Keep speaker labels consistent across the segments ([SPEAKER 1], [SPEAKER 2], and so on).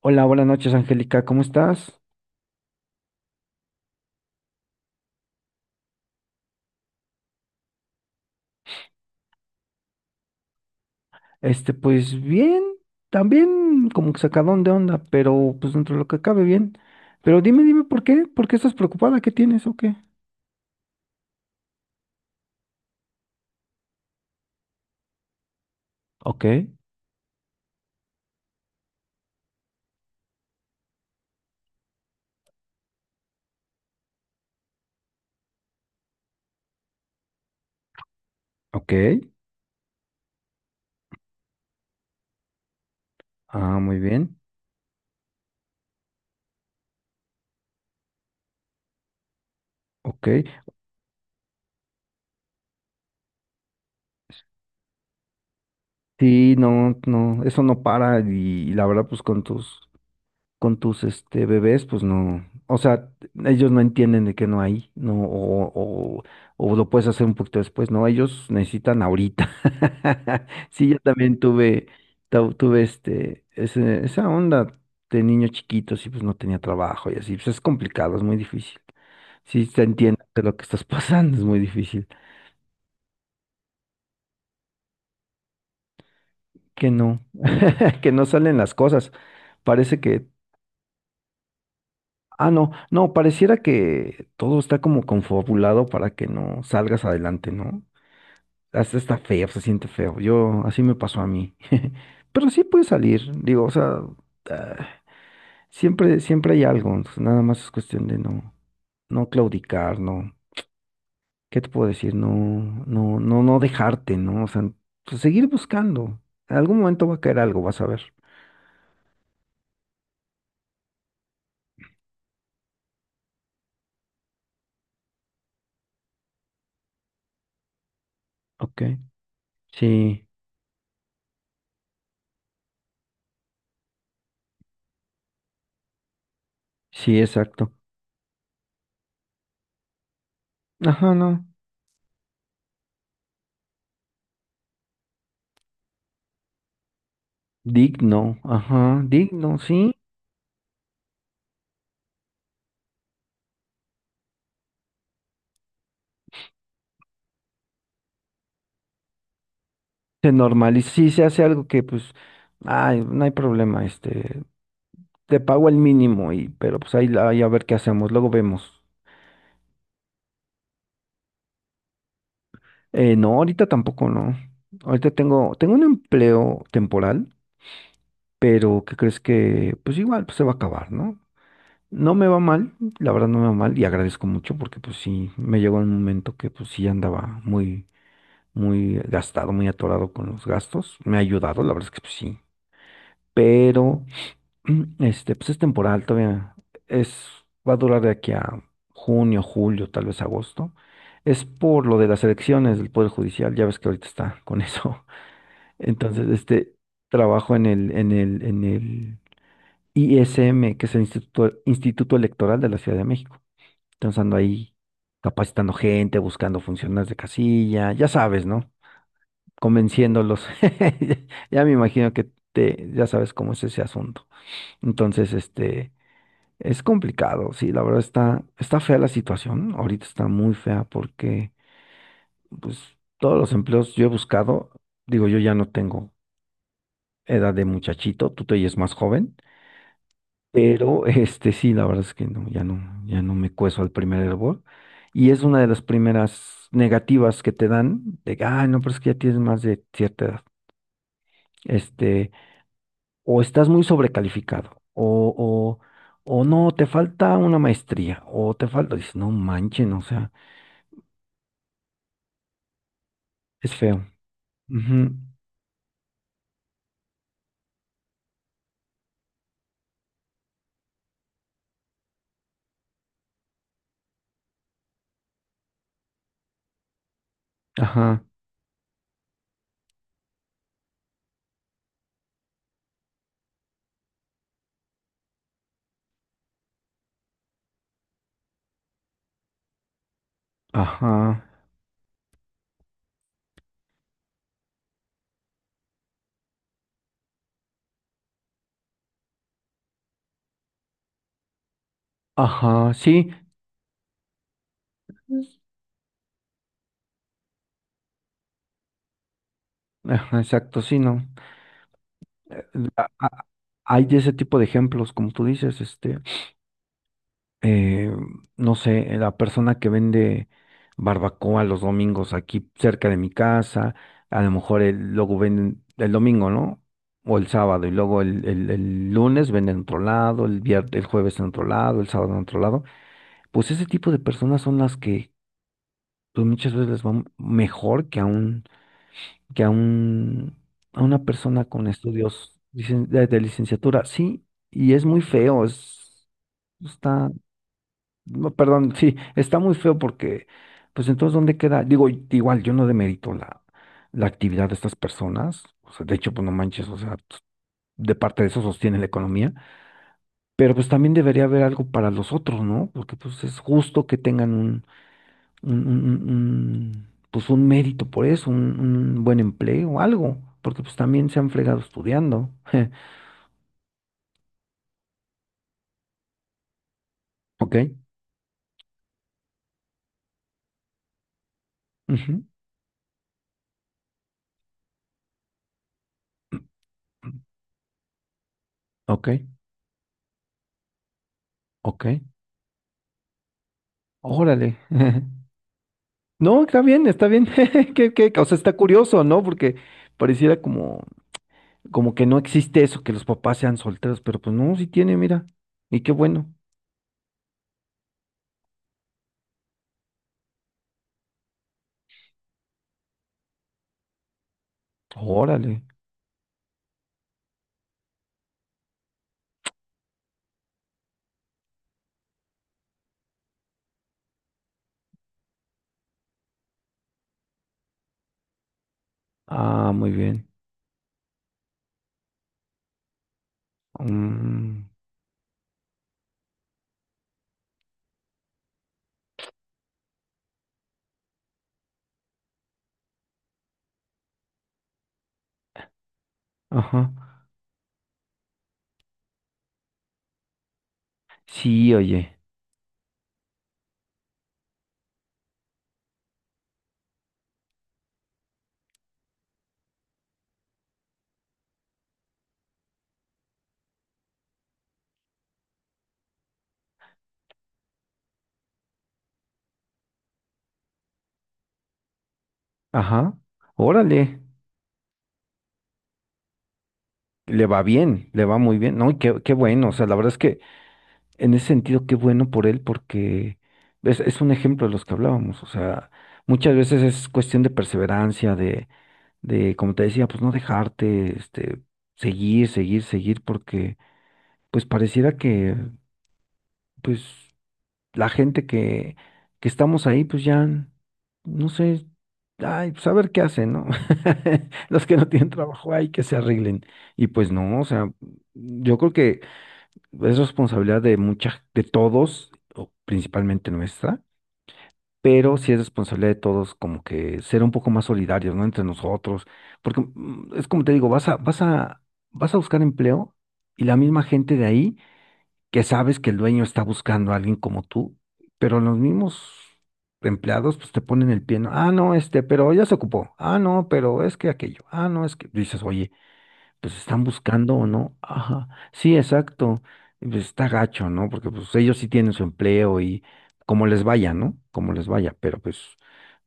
[SPEAKER 1] Hola, buenas noches, Angélica, ¿cómo estás? Pues bien, también como que sacadón de onda, pero pues dentro de lo que cabe bien. Pero dime, ¿por qué? ¿Por qué estás preocupada? ¿Qué tienes o qué? Ok, ok. Ah, muy bien. Ok. Sí, no, no, eso no para y, la verdad, pues con tus con tus bebés, pues no, o sea, ellos no entienden de que no hay, no, o, o lo puedes hacer un poquito después, no, ellos necesitan ahorita. Sí, yo también tuve, tuve esa onda de niños chiquitos y pues no tenía trabajo y así, pues es complicado, es muy difícil. Sí, te entiendo de lo que estás pasando, es muy difícil. Que no, que no salen las cosas. Parece que ah, no, no, pareciera que todo está como confabulado para que no salgas adelante, ¿no? Hasta está feo, se siente feo. Yo, así me pasó a mí. Pero sí puedes salir, digo, o sea, ah, siempre, siempre hay algo, entonces nada más es cuestión de no, no claudicar, no, ¿qué te puedo decir? No, no, no, no dejarte, ¿no? O sea, pues, seguir buscando. En algún momento va a caer algo, vas a ver. Ok, sí, sí, exacto. Ajá, no. Digno, ajá, digno, sí. Se normaliza, sí, se hace algo que pues, ay, no hay problema, te pago el mínimo y, pero pues ahí, ahí a ver qué hacemos, luego vemos. No, ahorita tampoco no. Ahorita tengo, tengo un empleo temporal, pero ¿qué crees que? Pues igual, pues se va a acabar, ¿no? No me va mal, la verdad no me va mal y agradezco mucho porque pues sí, me llegó un momento que pues sí andaba muy, muy gastado, muy atorado con los gastos. Me ha ayudado, la verdad es que pues sí. Pero pues es temporal, todavía es, va a durar de aquí a junio, julio, tal vez agosto. Es por lo de las elecciones del Poder Judicial, ya ves que ahorita está con eso. Entonces, trabajo en el ISM, que es el Instituto Electoral de la Ciudad de México. Entonces ando ahí capacitando gente, buscando funcionarios de casilla, ya sabes, ¿no? Convenciéndolos. Ya me imagino que te, ya sabes cómo es ese asunto. Entonces, este... Es complicado, sí, la verdad está, está fea la situación, ahorita está muy fea porque pues todos los empleos yo he buscado, digo yo ya no tengo edad de muchachito, tú te oyes más joven, pero sí, la verdad es que no, ya no, ya no me cueso al primer hervor y es una de las primeras negativas que te dan de, que, ay, no, pero es que ya tienes más de cierta edad, este, o estás muy sobrecalificado o no, te falta una maestría o te falta, dices, no manchen, o sea. Es feo. Ujú. Ajá, ajá, ajá, sí. Ajá, exacto, sí, no. Eh, a- a- Hay de ese tipo de ejemplos, como tú dices, eh, no sé, la persona que vende barbacoa los domingos aquí cerca de mi casa, a lo mejor luego venden el domingo, ¿no? O el sábado, y luego el, el lunes venden en otro lado, el viernes, el jueves en otro lado, el sábado en otro lado. Pues ese tipo de personas son las que pues muchas veces les va mejor que a un, a una persona con estudios de licenciatura. Sí, y es muy feo, es, está, no, perdón, sí, está muy feo porque, pues entonces, ¿dónde queda? Digo, igual, yo no demerito la, la actividad de estas personas, o sea, de hecho, pues no manches, o sea, pues, de parte de eso sostiene la economía, pero pues también debería haber algo para los otros, ¿no? Porque pues es justo que tengan un, pues un mérito por eso, un buen empleo, o algo, porque pues también se han fregado estudiando. Ok, ujú, ok, ok, órale. No, está bien, está bien. Que, o sea, está curioso, ¿no? Porque pareciera como, como que no existe eso, que los papás sean solteros, pero pues no, sí tiene, mira. Y qué bueno. Órale. Ah, muy bien. Mm, ajá. Sí, oye. Ajá. Órale. Le va bien, le va muy bien, ¿no? Y qué, qué bueno, o sea, la verdad es que en ese sentido, qué bueno por él, porque es un ejemplo de los que hablábamos, o sea, muchas veces es cuestión de perseverancia, de, como te decía, pues no dejarte, seguir, seguir, seguir, porque pues pareciera que, pues, la gente que estamos ahí, pues ya, no sé, ay, pues a ver qué hacen, ¿no? Los que no tienen trabajo, ay, que se arreglen. Y pues no, o sea, yo creo que es responsabilidad de mucha, de todos, o principalmente nuestra, pero sí es responsabilidad de todos como que ser un poco más solidarios, ¿no? Entre nosotros, porque es como te digo, vas a, vas a, vas a buscar empleo y la misma gente de ahí que sabes que el dueño está buscando a alguien como tú, pero los mismos empleados pues te ponen el pie, ¿no? Ah, no, pero ya se ocupó. Ah, no, pero es que aquello. Ah, no, es que dices, oye pues están buscando o no. Ajá, sí, exacto. Y pues está gacho, ¿no? Porque pues ellos sí tienen su empleo y como les vaya, ¿no? Como les vaya, pero pues,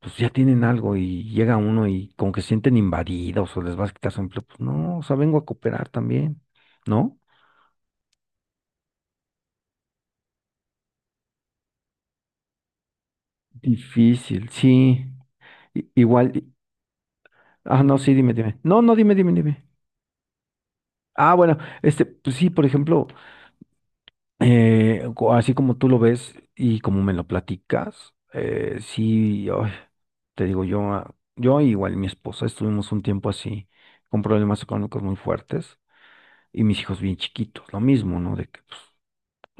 [SPEAKER 1] pues ya tienen algo y llega uno y como que se sienten invadidos o les vas a quitar su empleo. Pues no, o sea, vengo a cooperar también, ¿no? Difícil, sí. Igual, ah, no, sí, dime. No, no, dime. Ah, bueno, pues sí, por ejemplo, así como tú lo ves y como me lo platicas, sí, ay, te digo, yo, yo igual mi esposa estuvimos un tiempo así, con problemas económicos muy fuertes y mis hijos bien chiquitos, lo mismo, ¿no? De que pues,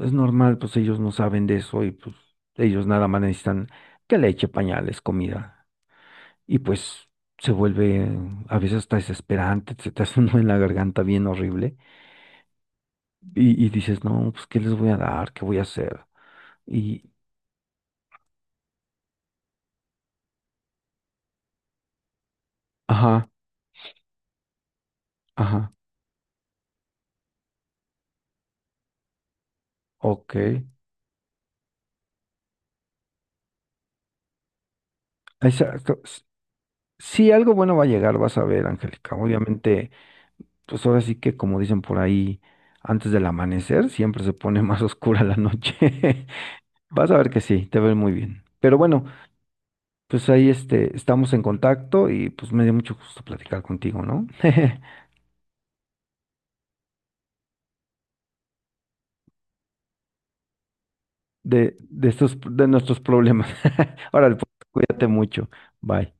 [SPEAKER 1] es normal, pues ellos no saben de eso y pues ellos nada más necesitan que leche, pañales, comida y pues se vuelve a veces hasta desesperante, se te hace un nudo en la garganta bien horrible y dices, no, pues ¿qué les voy a dar? ¿Qué voy a hacer? Y, ajá. Ajá, ok. Exacto. S- Sí, algo bueno va a llegar, vas a ver, Angélica. Obviamente, pues ahora sí que como dicen por ahí, antes del amanecer siempre se pone más oscura la noche. Vas a ver que sí, te ves muy bien. Pero bueno, pues ahí estamos en contacto y pues me dio mucho gusto platicar contigo, ¿no? De estos, de nuestros problemas. Ahora, cuídate mucho. Bye.